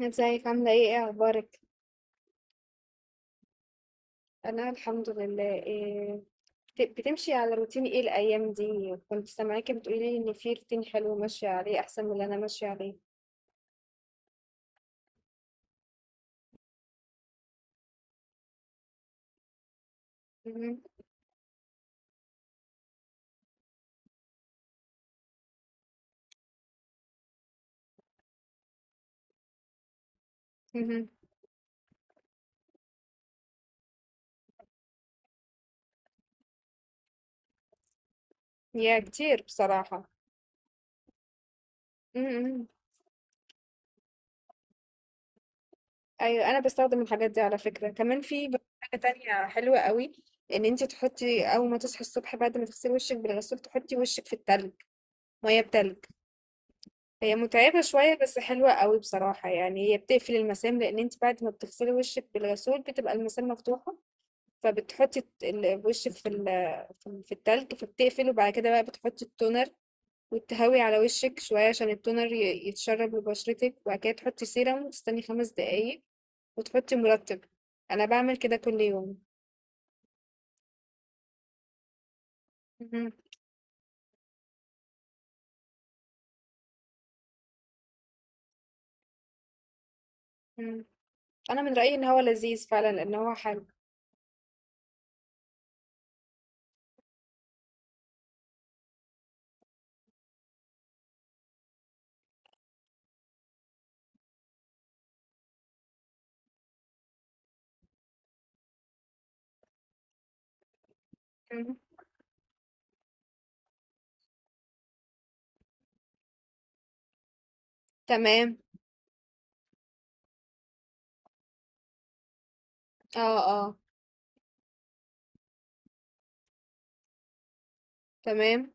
ازيك عاملة ايه ايه اخبارك؟ انا الحمد لله إيه. بتمشي على روتين ايه الايام دي؟ كنت سامعاكي بتقولي ان في روتين حلو ماشية عليه احسن من اللي انا ماشية عليه. مهم. مهم. يا كتير بصراحة. مهم. ايوه انا بستخدم الحاجات دي على فكرة. كمان في حاجة تانية حلوة قوي، ان انت تحطي اول ما تصحي الصبح بعد ما تغسلي وشك بالغسول تحطي وشك في التلج، مية بتلج. هي متعبة شوية بس حلوة قوي بصراحة، يعني هي بتقفل المسام لأن انت بعد ما بتغسلي وشك بالغسول بتبقى المسام مفتوحة. فبتحطي وشك في التلج فبتقفل، وبعد كده بقى بتحطي التونر وتهوي على وشك شوية عشان التونر يتشرب لبشرتك، وبعد كده تحطي سيرم وتستني خمس دقايق وتحطي مرطب. أنا بعمل كده كل يوم. مهم. مهم. أنا من رأيي إن هو لذيذ فعلا لأن هو حلو. مهم. تمام. اه اه. تمام.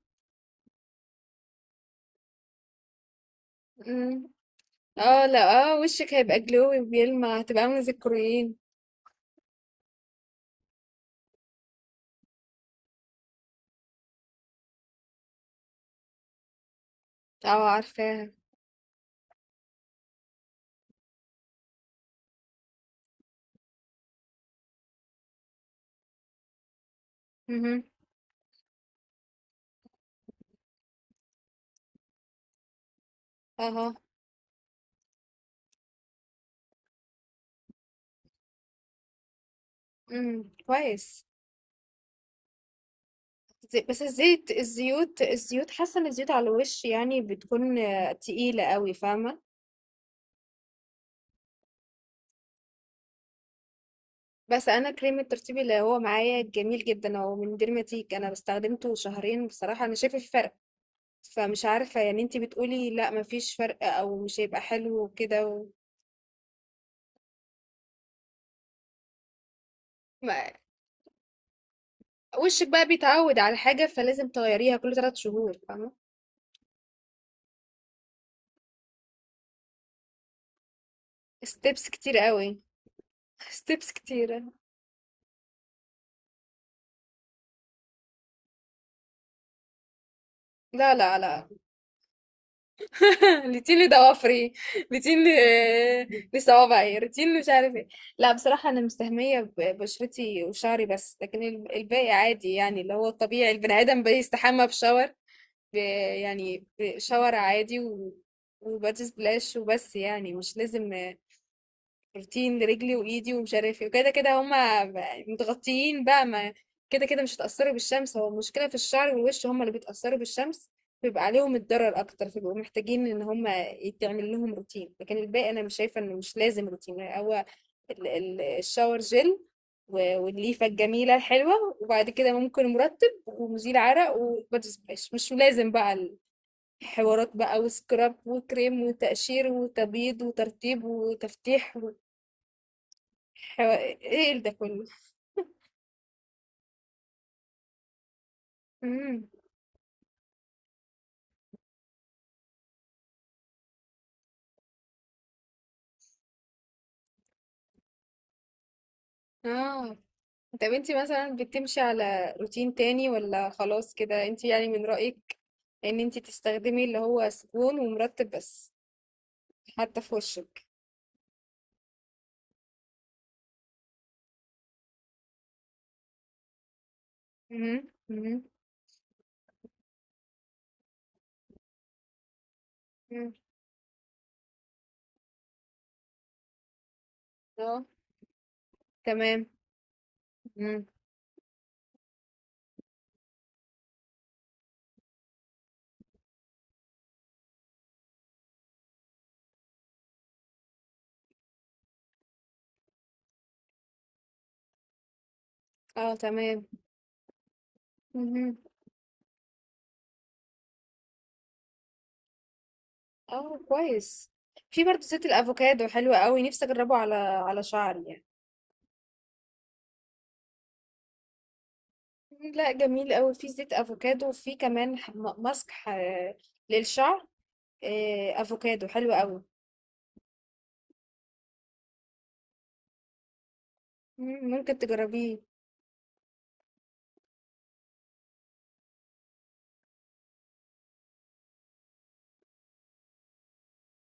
اه، لا اه، وشك هيبقى جلوي بيلمع، هتبقى عامله زي الكوريين. اه عارفاها. اها. اه. امم، كويس. بس الزيت الزيوت الزيوت حاسه ان الزيوت على الوش يعني بتكون تقيله قوي، فاهمه. بس انا كريم الترطيب اللي هو معايا جميل جدا، هو من ديرماتيك، انا استخدمته شهرين بصراحه انا شايفه في فرق. فمش عارفه يعني انتي بتقولي لا مفيش فرق او مش هيبقى حلو وكده و... ما- وشك بقى بيتعود على حاجه فلازم تغيريها كل ثلاث شهور، فاهمه. ستيبس كتير قوي. ستيبس كتيرة. لا لا لا. روتين لضوافري. لصوابعي، روتين مش عارف ايه. لا بصراحة أنا مستهمية ببشرتي وشعري بس، لكن الباقي عادي يعني اللي هو الطبيعي، البني آدم بيستحمى بشاور. ب- يعني بشاور عادي و... وبادي سبلاش وبس، يعني مش لازم بروتين لرجلي وايدي ومش عارف ايه وكده. كده هما متغطيين بقى، ما كده كده مش هتأثروا بالشمس. هو المشكلة في الشعر والوش، هما اللي بيتأثروا بالشمس بيبقى عليهم الضرر اكتر، فبيبقوا محتاجين ان هما يتعمل لهم روتين. لكن الباقي انا مش شايفة انه مش لازم روتين. هو الشاور جل والليفة الجميلة الحلوة، وبعد كده ممكن مرطب ومزيل عرق وبادي سبلاش، مش لازم بقى حوارات بقى وسكراب وكريم وتقشير وتبييض وترطيب وتفتيح. حو... ايه ده كله؟ امم. اه، طب انتي مثلا بتمشي على روتين تاني ولا خلاص كده؟ انتي يعني من رأيك ان انتي تستخدمي اللي هو سكون ومرطب بس، حتى في وشك. امم. أمم. اه تمام. امم. اه تمام. امم. اه كويس. في برضه زيت الافوكادو حلو قوي، نفسي اجربه على على شعري يعني. مم، لا جميل قوي في زيت افوكادو، وفي كمان ماسك للشعر، آه، افوكادو حلو قوي. مم، ممكن تجربيه.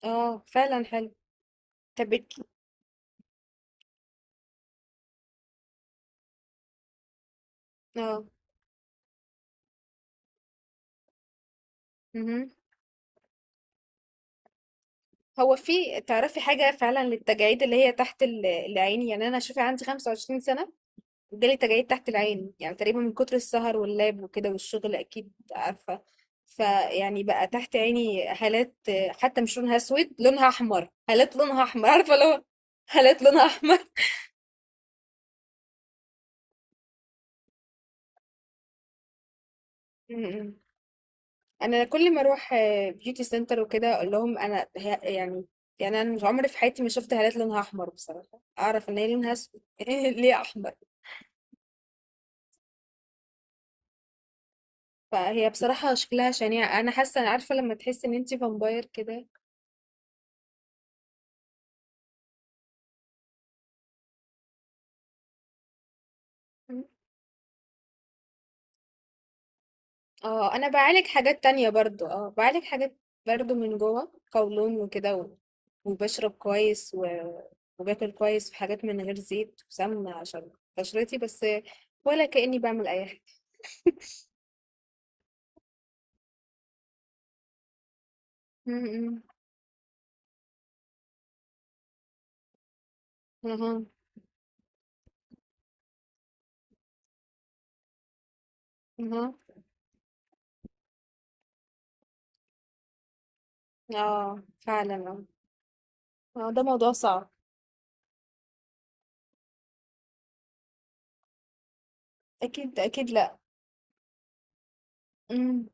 اه فعلا حلو. طب بت- اه. مهم. هو في تعرفي حاجة فعلا للتجاعيد اللي هي تحت العين؟ يعني أنا شوفي عندي 25 سنة وجالي تجاعيد تحت العين، يعني تقريبا من كتر السهر واللاب وكده والشغل أكيد عارفة. فيعني بقى تحت عيني هالات، حتى مش لونها أسود، لونها أحمر، هالات لونها أحمر، عارفة؟ لو هالات لونها أحمر. انا كل ما اروح بيوتي سنتر وكده اقول لهم انا يعني، يعني انا مش عمري في حياتي ما شفت هالات لونها احمر بصراحه، اعرف ان هي لونها اسود. ليه احمر؟ فهي بصراحه شكلها شنيع، انا حاسه، عارفه لما تحس ان انتي فامباير كده. اه انا بعالج حاجات تانية برضو، اه بعالج حاجات برضو من جوه، قولون وكده وبشرب كويس و... وباكل كويس في حاجات من غير زيت وسمنه عشان بشرتي بس، ولا كأني بعمل اي حاجه. م. اها. اها. آه فعلا. آه، ده موضوع صعب. أكيد أكيد. لأ. امم.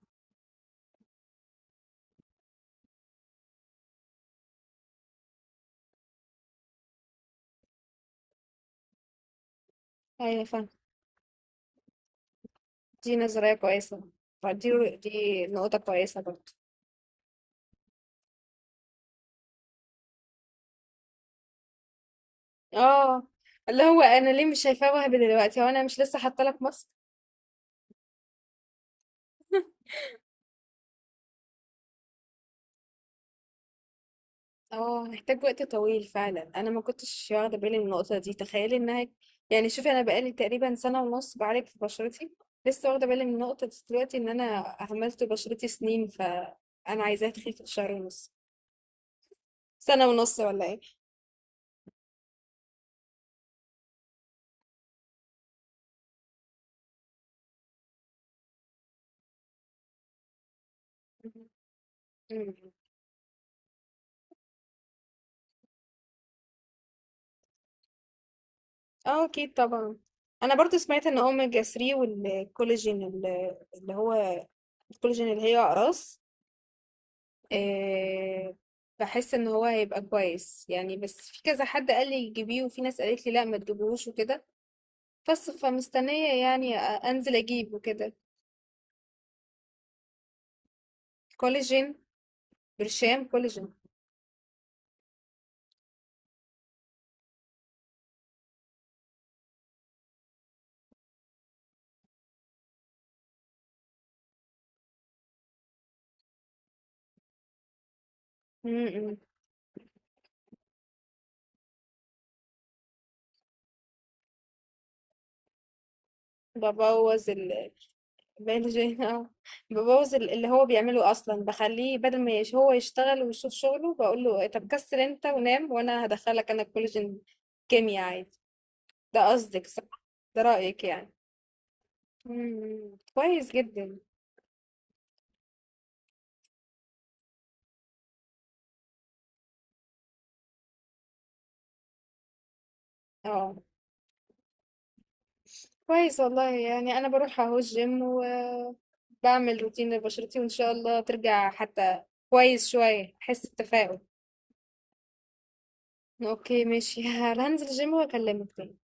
أيوة فاهمة. دي نظرية كويسة. دي نقطة كويسة برضه. اه، اللي هو أنا ليه مش شايفاه وهبي دلوقتي؟ هو أنا مش لسه حاطة لك مصر. اه هحتاج وقت طويل فعلا، أنا ما كنتش واخدة بالي من النقطة دي، تخيلي إنها يعني. شوفي أنا بقالي تقريبا سنة ونص بعالج في بشرتي، لسه واخدة بالي من النقطة دي دلوقتي، إن أنا عملت بشرتي سنين فأنا عايزاها تخيف في شهر ونص؟ سنة ونص ولا إيه؟ مم. اه اكيد طبعا. انا برضو سمعت ان اوميجا 3 والكولاجين اللي هو الكولاجين اللي هي اقراص، آه، بحس ان هو هيبقى كويس يعني، بس في كذا حد قال لي جيبيه وفي ناس قالت لي لا ما تجيبهوش وكده. بس فمستنية يعني انزل اجيب وكده. كولاجين، برشام كولاجين. م- م. ببوظ. بلجي اه. ببوظ اللي هو بيعمله اصلا، بخليه بدل ما هو يشتغل ويشوف شغله بقول له إيه، طب كسر انت ونام وانا هدخلك انا كولاجين. كيمياء عادي. ده قصدك صح؟ ده رأيك يعني. مم. كويس جدا. اه كويس والله، يعني انا بروح اهو الجيم وبعمل روتين لبشرتي، وان شاء الله ترجع حتى كويس شوية، احس بتفاؤل. اوكي ماشي. هنزل الجيم واكلمك تاني.